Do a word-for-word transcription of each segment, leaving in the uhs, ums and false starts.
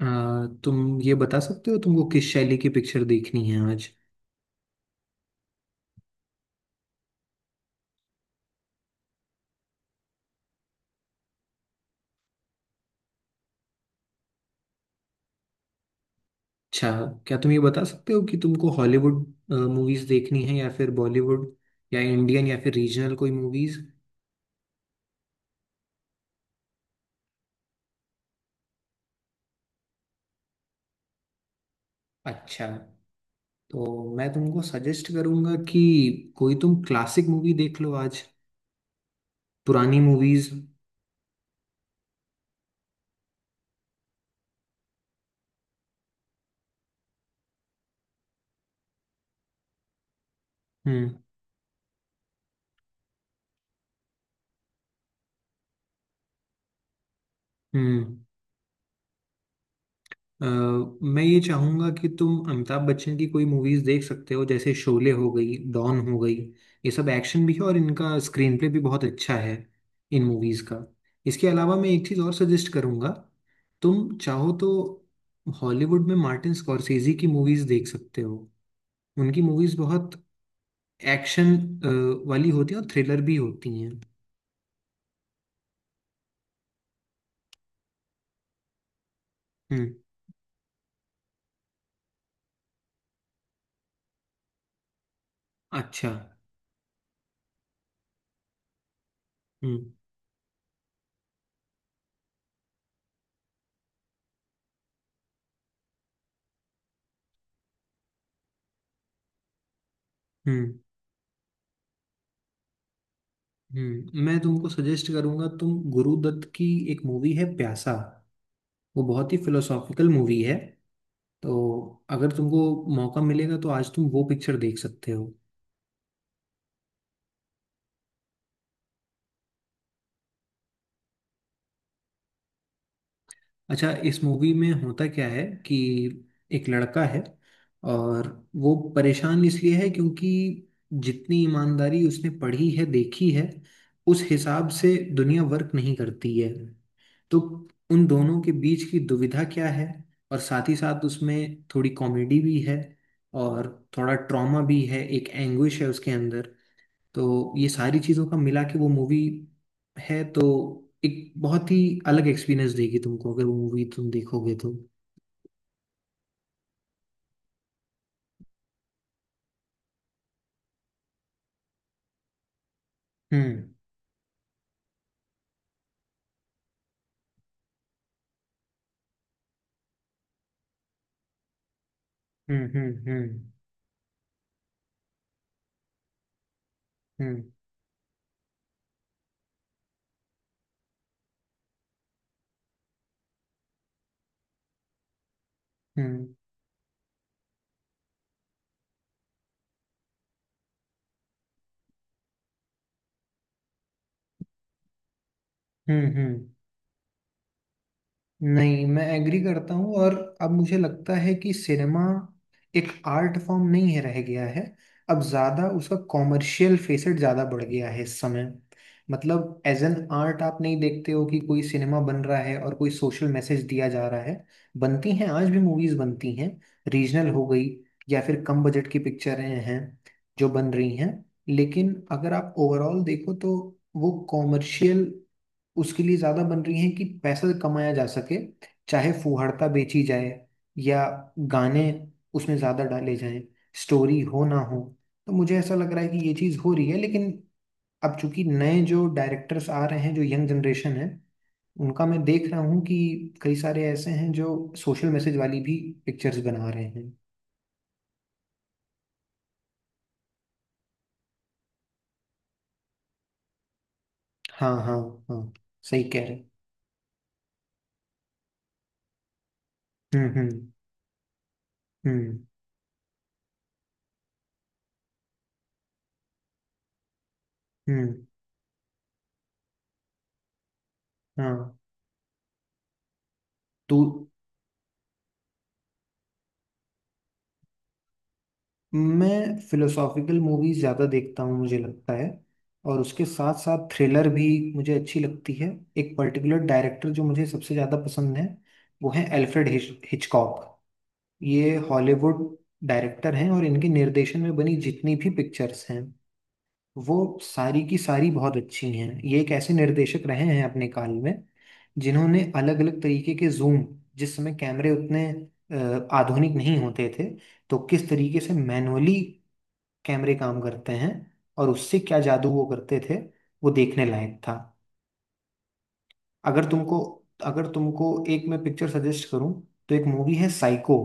अ, तुम ये बता सकते हो तुमको किस शैली की पिक्चर देखनी है आज। अच्छा, क्या तुम ये बता सकते हो कि तुमको हॉलीवुड मूवीज देखनी है या फिर बॉलीवुड या इंडियन या फिर रीजनल कोई मूवीज। अच्छा, तो मैं तुमको सजेस्ट करूंगा कि कोई तुम क्लासिक मूवी देख लो आज, पुरानी मूवीज। हम्म। हम्म। अ, मैं ये चाहूंगा कि तुम अमिताभ बच्चन की कोई मूवीज देख सकते हो जैसे शोले हो गई, डॉन हो गई। ये सब एक्शन भी है और इनका स्क्रीन प्ले भी बहुत अच्छा है इन मूवीज का। इसके अलावा मैं एक चीज और सजेस्ट करूंगा, तुम चाहो तो हॉलीवुड में मार्टिन स्कॉर्सेजी की मूवीज देख सकते हो। उनकी मूवीज बहुत एक्शन वाली होती है और थ्रिलर भी होती हैं। हम्म। अच्छा। हम्म। हम्म। हम्म। मैं तुमको सजेस्ट करूंगा तुम गुरुदत्त की एक मूवी है प्यासा। वो बहुत ही फिलोसॉफिकल मूवी है। तो अगर तुमको मौका मिलेगा तो आज तुम वो पिक्चर देख सकते हो। अच्छा, इस मूवी में होता क्या है कि एक लड़का है और वो परेशान इसलिए है क्योंकि जितनी ईमानदारी उसने पढ़ी है, देखी है, उस हिसाब से दुनिया वर्क नहीं करती है। तो उन दोनों के बीच की दुविधा क्या है। और साथ ही साथ उसमें थोड़ी कॉमेडी भी है और थोड़ा ट्रॉमा भी है, एक एंग्विश है उसके अंदर। तो ये सारी चीज़ों का मिला के वो मूवी है, तो एक बहुत ही अलग एक्सपीरियंस देगी तुमको अगर वो मूवी तुम देखोगे तो। हम्म। हम्म। हम्म। हम्म। हम्म। हम्म। हम्म। हम्म। नहीं, मैं एग्री करता हूँ। और अब मुझे लगता है कि सिनेमा एक आर्ट फॉर्म नहीं है, रह गया है। अब ज़्यादा उसका कॉमर्शियल फेसेट ज़्यादा बढ़ गया है इस समय। मतलब एज एन आर्ट आप नहीं देखते हो कि कोई सिनेमा बन रहा है और कोई सोशल मैसेज दिया जा रहा है। बनती हैं, आज भी मूवीज़ बनती हैं, रीजनल हो गई या फिर कम बजट की पिक्चरें हैं जो बन रही हैं। लेकिन अगर आप ओवरऑल देखो तो वो कॉमर्शियल, उसके लिए ज्यादा बन रही हैं कि पैसा कमाया जा सके, चाहे फुहाड़ता बेची जाए या गाने उसमें ज्यादा डाले जाएं, स्टोरी हो ना हो। तो मुझे ऐसा लग रहा है कि ये चीज हो रही है। लेकिन अब चूंकि नए जो डायरेक्टर्स आ रहे हैं, जो यंग जनरेशन है, उनका मैं देख रहा हूँ कि कई सारे ऐसे हैं जो सोशल मैसेज वाली भी पिक्चर्स बना रहे हैं। हाँ। हाँ। हाँ, सही कह रहे। हम्म। हम्म। हम्म। हम्म। हाँ। तू मैं फिलोसॉफिकल मूवीज ज़्यादा देखता हूँ मुझे लगता है। और उसके साथ साथ थ्रिलर भी मुझे अच्छी लगती है। एक पर्टिकुलर डायरेक्टर जो मुझे सबसे ज़्यादा पसंद है वो है एल्फ्रेड हिचकॉक। ये हॉलीवुड डायरेक्टर हैं और इनके निर्देशन में बनी जितनी भी पिक्चर्स हैं वो सारी की सारी बहुत अच्छी हैं। ये एक ऐसे निर्देशक रहे हैं अपने काल में जिन्होंने अलग अलग तरीके के जूम, जिस समय कैमरे उतने अ, आधुनिक नहीं होते थे, तो किस तरीके से मैनुअली कैमरे काम करते हैं और उससे क्या जादू वो करते थे, वो देखने लायक था। अगर तुमको, अगर तुमको एक मैं पिक्चर सजेस्ट करूं तो एक मूवी है साइको।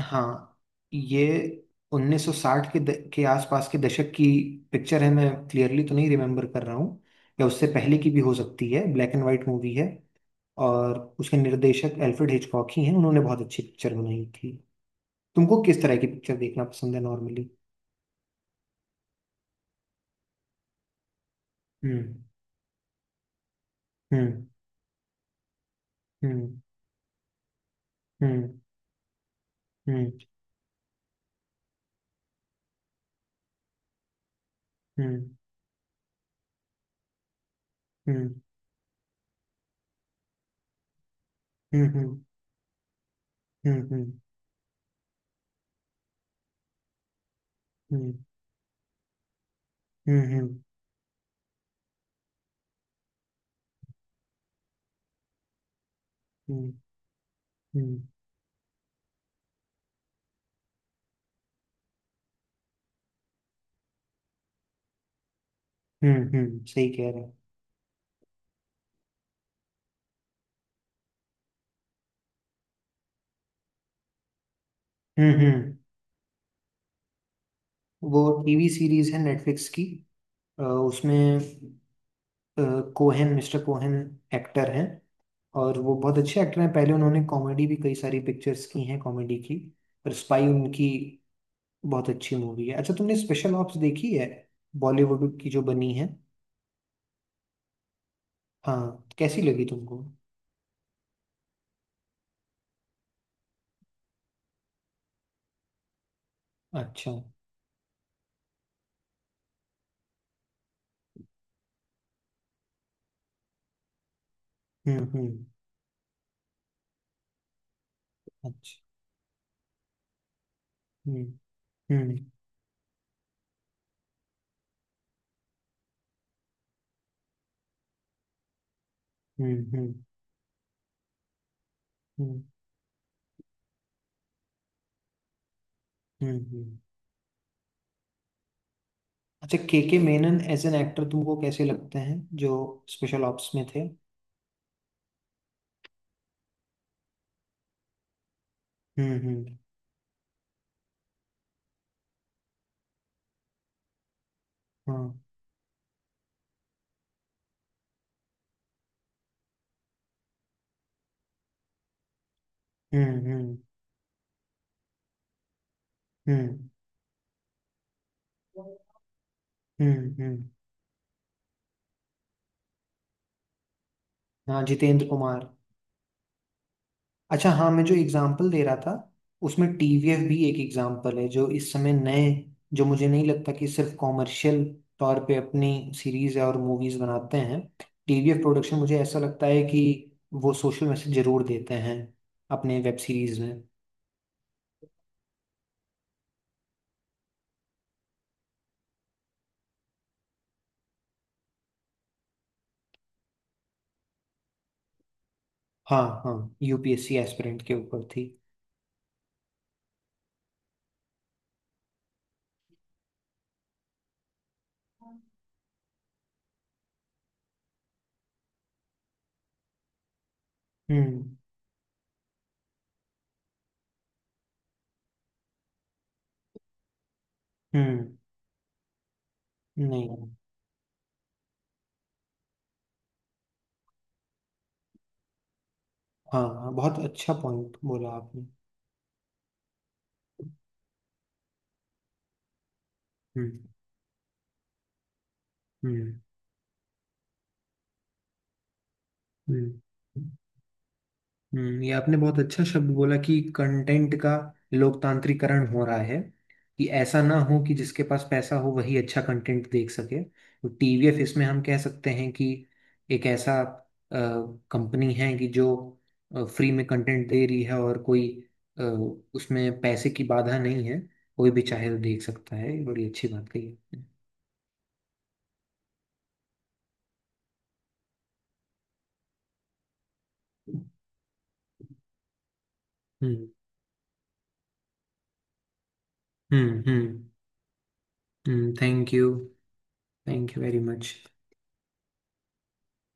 हाँ। ये उन्नीस सौ साठ के द, के आसपास के दशक की पिक्चर है, मैं क्लियरली तो नहीं रिमेम्बर कर रहा हूँ, या उससे पहले की भी हो सकती है। ब्लैक एंड वाइट मूवी है और उसके निर्देशक एल्फ्रेड हिचकॉक ही हैं, उन्होंने बहुत अच्छी पिक्चर बनाई थी। तुमको किस तरह की पिक्चर देखना पसंद है नॉर्मली? हम्म। हम्म। हम्म। हम्म। हम्म। हम्म। हम्म। हम्म। हम्म। हम्म। हम्म। हम्म। हम्म। हम्म। हम्म। हम्म, हम्म, सही कह रहे हैं। हम्म। हम्म। हम्म, वो टीवी सीरीज है नेटफ्लिक्स की। अ, उसमें अ, कोहेन मिस्टर कोहेन एक्टर हैं और वो बहुत अच्छे एक्टर हैं। पहले उन्होंने कॉमेडी भी कई सारी पिक्चर्स की हैं, कॉमेडी की। पर स्पाई उनकी बहुत अच्छी मूवी है। अच्छा, तुमने स्पेशल ऑप्स देखी है, बॉलीवुड की जो बनी है? हाँ, कैसी लगी तुमको? अच्छा। हम्म। हम्म। अच्छा। हम्म। हम्म। हम्म। हम्म। हम्म। हम्म, हम्म। अच्छा, K K Menon as an actor तुमको कैसे लगते हैं जो स्पेशल ऑप्स में थे? हम्म। हम्म। हाँ। हम्म। हम्म। हम्म। हम्म। हम्म। हाँ, जितेंद्र कुमार। अच्छा, हाँ मैं जो एग्जांपल दे रहा था उसमें टीवीएफ भी एक एग्जांपल है, जो इस समय नए, जो मुझे नहीं लगता कि सिर्फ कॉमर्शियल तौर पे अपनी सीरीज और मूवीज बनाते हैं। टी वी एफ प्रोडक्शन मुझे ऐसा लगता है कि वो सोशल मैसेज जरूर देते हैं अपने वेब सीरीज में। हाँ हाँ, U P S C aspirant के ऊपर थी। हम्म। हम्म। नहीं। हाँ हाँ, बहुत अच्छा पॉइंट बोला आपने। हम्म। हम्म। हम्म। हम्म। हम्म, ये आपने बहुत अच्छा शब्द बोला कि कंटेंट का लोकतांत्रिकरण हो रहा है। कि ऐसा ना हो कि जिसके पास पैसा हो वही अच्छा कंटेंट देख सके, तो टी वी एफ इसमें हम कह सकते हैं कि एक ऐसा कंपनी है कि जो फ्री में कंटेंट दे रही है और कोई अ, उसमें पैसे की बाधा नहीं है, कोई भी चाहे तो देख सकता है। ये बड़ी अच्छी बात कही आपने। हम्म। हम्म। हम्म, thank you. Thank you very much.